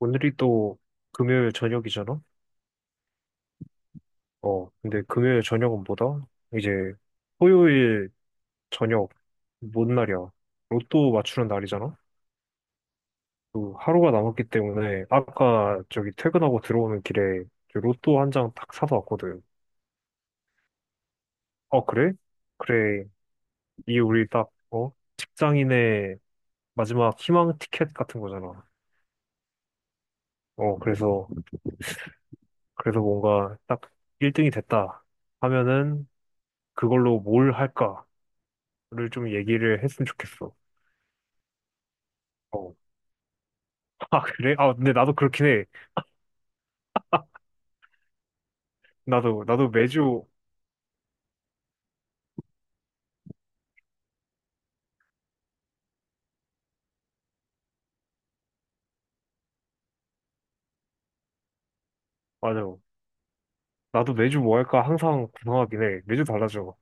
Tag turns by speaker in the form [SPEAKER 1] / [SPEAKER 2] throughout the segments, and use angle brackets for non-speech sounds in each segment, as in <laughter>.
[SPEAKER 1] 오늘이 또 금요일 저녁이잖아? 어, 근데 금요일 저녁은 뭐다? 이제 토요일 저녁, 뭔 날이야? 로또 맞추는 날이잖아? 또 하루가 남았기 때문에 아까 저기 퇴근하고 들어오는 길에 저 로또 한 장 딱 사서 왔거든. 어, 그래? 그래. 이 우리 딱, 어? 직장인의 마지막 희망 티켓 같은 거잖아. 어, 그래서, 뭔가 딱 1등이 됐다 하면은 그걸로 뭘 할까? 를 좀 얘기를 했으면 좋겠어. 어. 아, 그래? 아, 근데 나도 그렇긴 해. 나도 매주, 맞아. 나도 매주 뭐 할까 항상 구성하긴 해. 매주 달라져.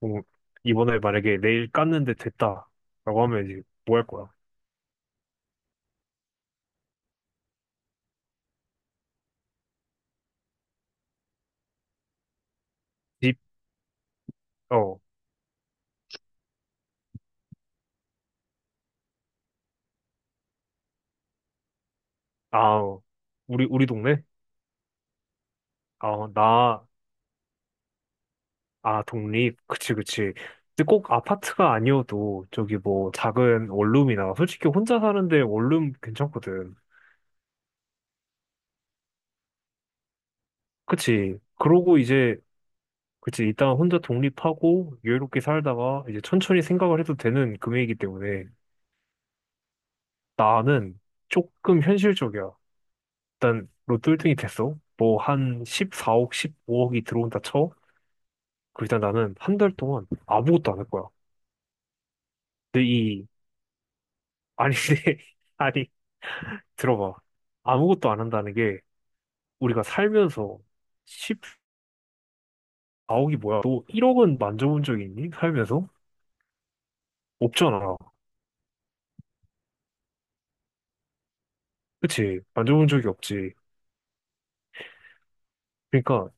[SPEAKER 1] 뭐, 이번에 만약에 내일 깠는데 됐다. 라고 하면 이제 뭐 할 거야? 집, 어, 아, 어. 우리 동네? 아, 나, 아, 독립. 그치, 그치. 근데 꼭 아파트가 아니어도 저기 뭐 작은 원룸이나 솔직히 혼자 사는데 원룸 괜찮거든. 그치. 그러고 이제 그치, 일단 혼자 독립하고 여유롭게 살다가 이제 천천히 생각을 해도 되는 금액이기 때문에 나는 조금 현실적이야. 일단 로또 1등이 됐어. 뭐 한 14억, 15억이 들어온다 쳐. 그 일단 나는 한 달 동안 아무것도 안 할 거야. 근데 이, 아니, <laughs> 근데 아니, 들어봐. 아무것도 안 한다는 게 우리가 살면서 14억이 뭐야? 너 1억은 만져본 적이 있니? 살면서? 없잖아. 그치? 만져본 적이 없지. 그러니까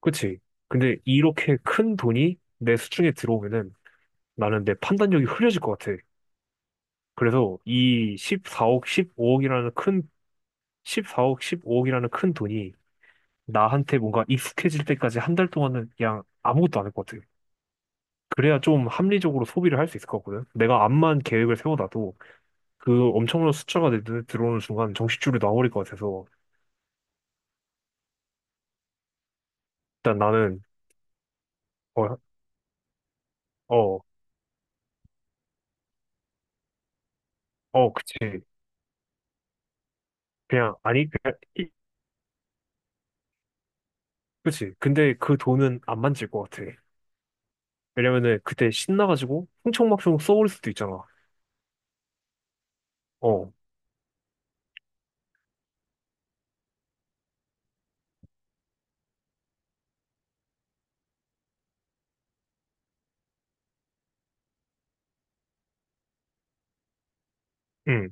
[SPEAKER 1] 그치? 근데 이렇게 큰 돈이 내 수중에 들어오면은 나는 내 판단력이 흐려질 것 같아. 그래서 이 14억, 15억이라는 큰 돈이 나한테 뭔가 익숙해질 때까지 한 달 동안은 그냥 아무것도 안 할 것 같아. 그래야 좀 합리적으로 소비를 할 수 있을 것 같거든. 내가 암만 계획을 세워놔도 그 엄청난 숫자가 내 눈에 들어오는 순간 정신줄이 나와버릴 것 같아서 일단 나는, 어, 어, 그치. 그냥, 아니, 그냥, 그치. 근데 그 돈은 안 만질 것 같아. 왜냐면은 그때 신나가지고 흥청망청 써버릴 수도 있잖아. 어, 응,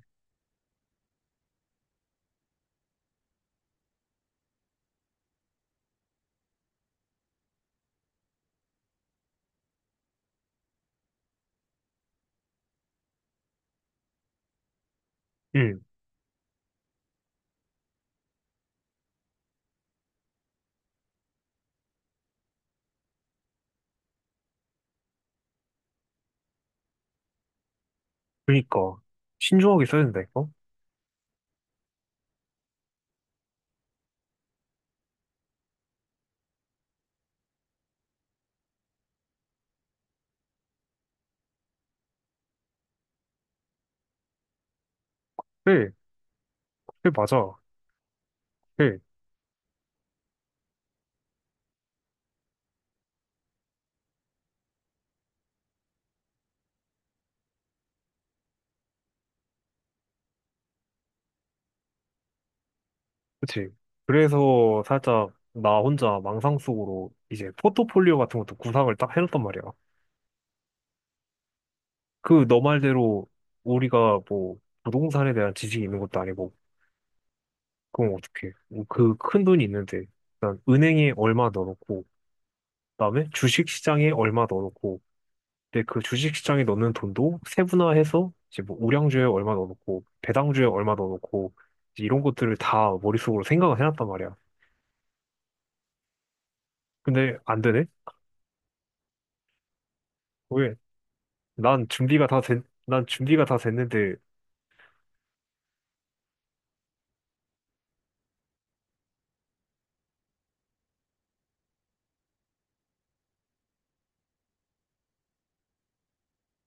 [SPEAKER 1] 응. 그니까 신중하게 써야 된다니까. 그래, 그래 맞아. 그래, 그치. 그래서 살짝 나 혼자 망상 속으로 이제 포트폴리오 같은 것도 구상을 딱 해놨단 말이야. 그 너 말대로 우리가 뭐 부동산에 대한 지식이 있는 것도 아니고 그럼 어떡해. 뭐 그큰 돈이 있는데 일단 은행에 얼마 넣어놓고 그다음에 주식시장에 얼마 넣어놓고 근데 그 주식시장에 넣는 돈도 세분화해서 이제 뭐 우량주에 얼마 넣어놓고 배당주에 얼마 넣어놓고 이제 이런 것들을 다 머릿속으로 생각을 해놨단 말이야. 근데 안 되네? 왜? 난 준비가 다 됐는데,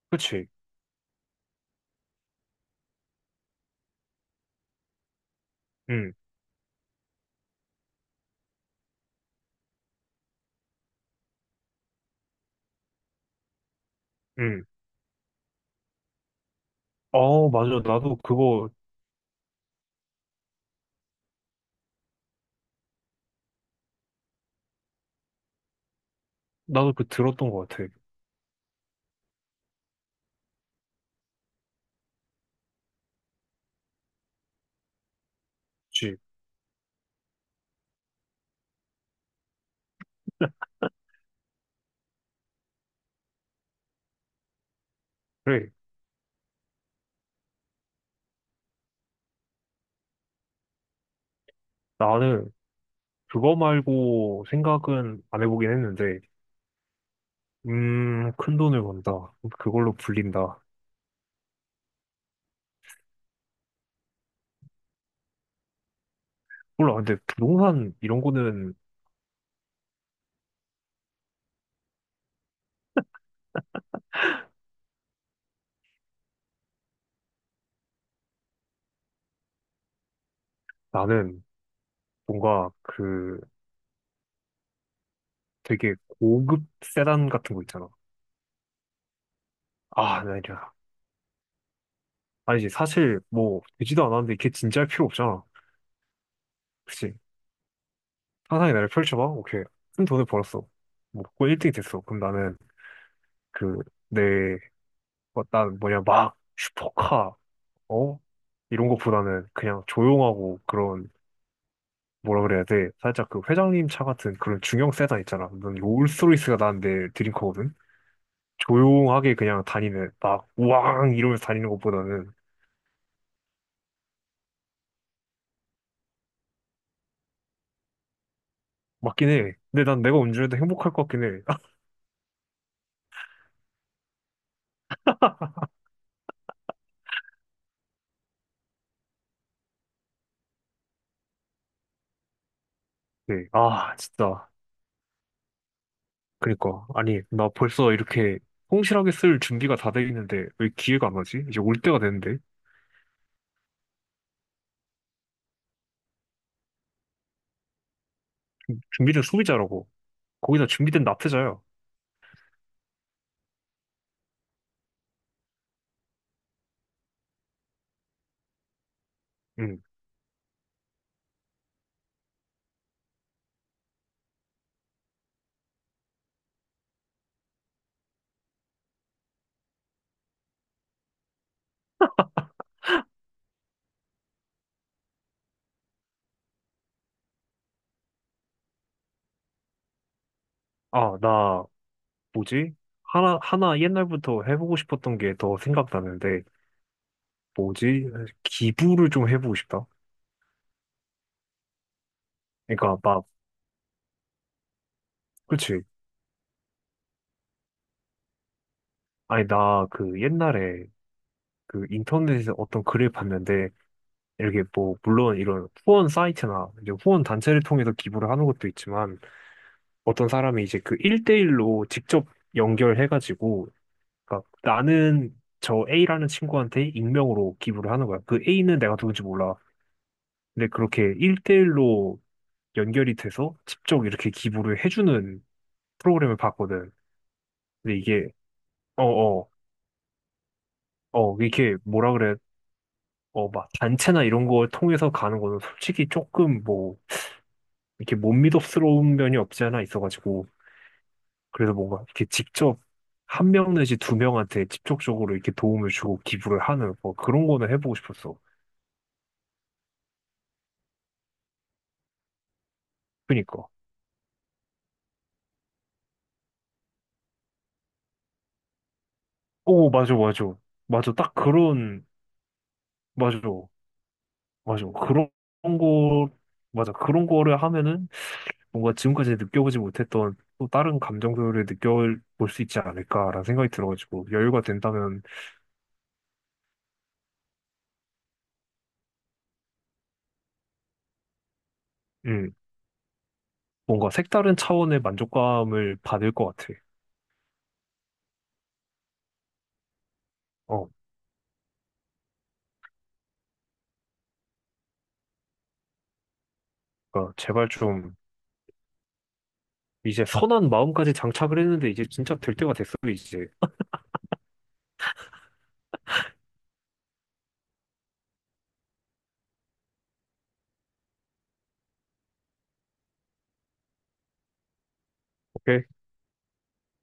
[SPEAKER 1] 그치? 응, 응. 어, 맞아. 나도 그 들었던 것 같아. 그치? 그래. 나는 그거 말고 생각은 안 해보긴 했는데, 큰 돈을 번다. 그걸로 불린다. 몰라. 근데 부동산 이런 거는 나는 뭔가 그 되게 고급 세단 같은 거 있잖아. 아, 나 이제 아니지 사실 뭐 되지도 않았는데 이게 진짜 할 필요 없잖아. 그치? 상상의 나를 펼쳐봐. 오케이. 큰 돈을 벌었어. 뭐고 1등이 됐어. 그럼 나는 그 내 뭐, 난 뭐냐 막 슈퍼카 어 이런 거보다는 그냥 조용하고 그런 뭐라 그래야 돼. 살짝 그 회장님 차 같은 그런 중형 세단 있잖아. 난 롤스로이스가 난내 드림카거든. 조용하게 그냥 다니는 막 우왕 이러면서 다니는 것보다는 맞긴 해. 근데 난 내가 운전해도 행복할 것 같긴 해. <laughs> 네. 아, 진짜. 그니까. 아니, 나 벌써 이렇게 성실하게 쓸 준비가 다 돼 있는데 왜 기회가 안 오지? 이제 올 때가 됐는데. 준비된 소비자라고. 거기다 준비된 납세자야. 응. 아, 나, 뭐지? 하나 옛날부터 해보고 싶었던 게 더 생각나는데, 뭐지? 기부를 좀 해보고 싶다. 그러니까 막, 그치. 아니, 나 그 옛날에 그 인터넷에서 어떤 글을 봤는데, 이렇게 뭐 물론 이런 후원 사이트나 이제 후원 단체를 통해서 기부를 하는 것도 있지만 어떤 사람이 이제 그일대일로 직접 연결해가지고 그러니까 나는 저 A라는 친구한테 익명으로 기부를 하는 거야. 그 A는 내가 누군지 몰라. 근데 그렇게 일대일로 연결이 돼서 직접 이렇게 기부를 해주는 프로그램을 봤거든. 근데 이게 어어어 이렇게 뭐라 그래 어막 단체나 이런 걸 통해서 가는 거는 솔직히 조금 뭐 이렇게 못믿음스러운 면이 없지 않아 있어가지고 그래서 뭔가 이렇게 직접 한 명 내지 두 명한테 직접적으로 이렇게 도움을 주고 기부를 하는 뭐 그런 거는 해보고 싶었어. 그니까. 오, 맞아, 맞아. 맞아. 딱 그런, 맞아. 맞아. 그런 거, 맞아. 그런 거를 하면은 뭔가 지금까지 느껴보지 못했던 또 다른 감정들을 느껴볼 수 있지 않을까라는 생각이 들어가지고 여유가 된다면, 음, 뭔가 색다른 차원의 만족감을 받을 것 같아. 어, 그러니까 제발 좀 이제 선한 마음까지 장착을 했는데 이제 진짜 될 때가 됐어, 이제. 오케이?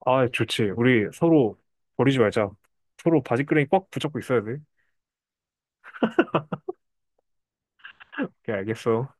[SPEAKER 1] 아, 좋지. 우리 서로 버리지 말자. 서로 바지끄레기 꽉 붙잡고 있어야 돼. 오케이, 알겠어.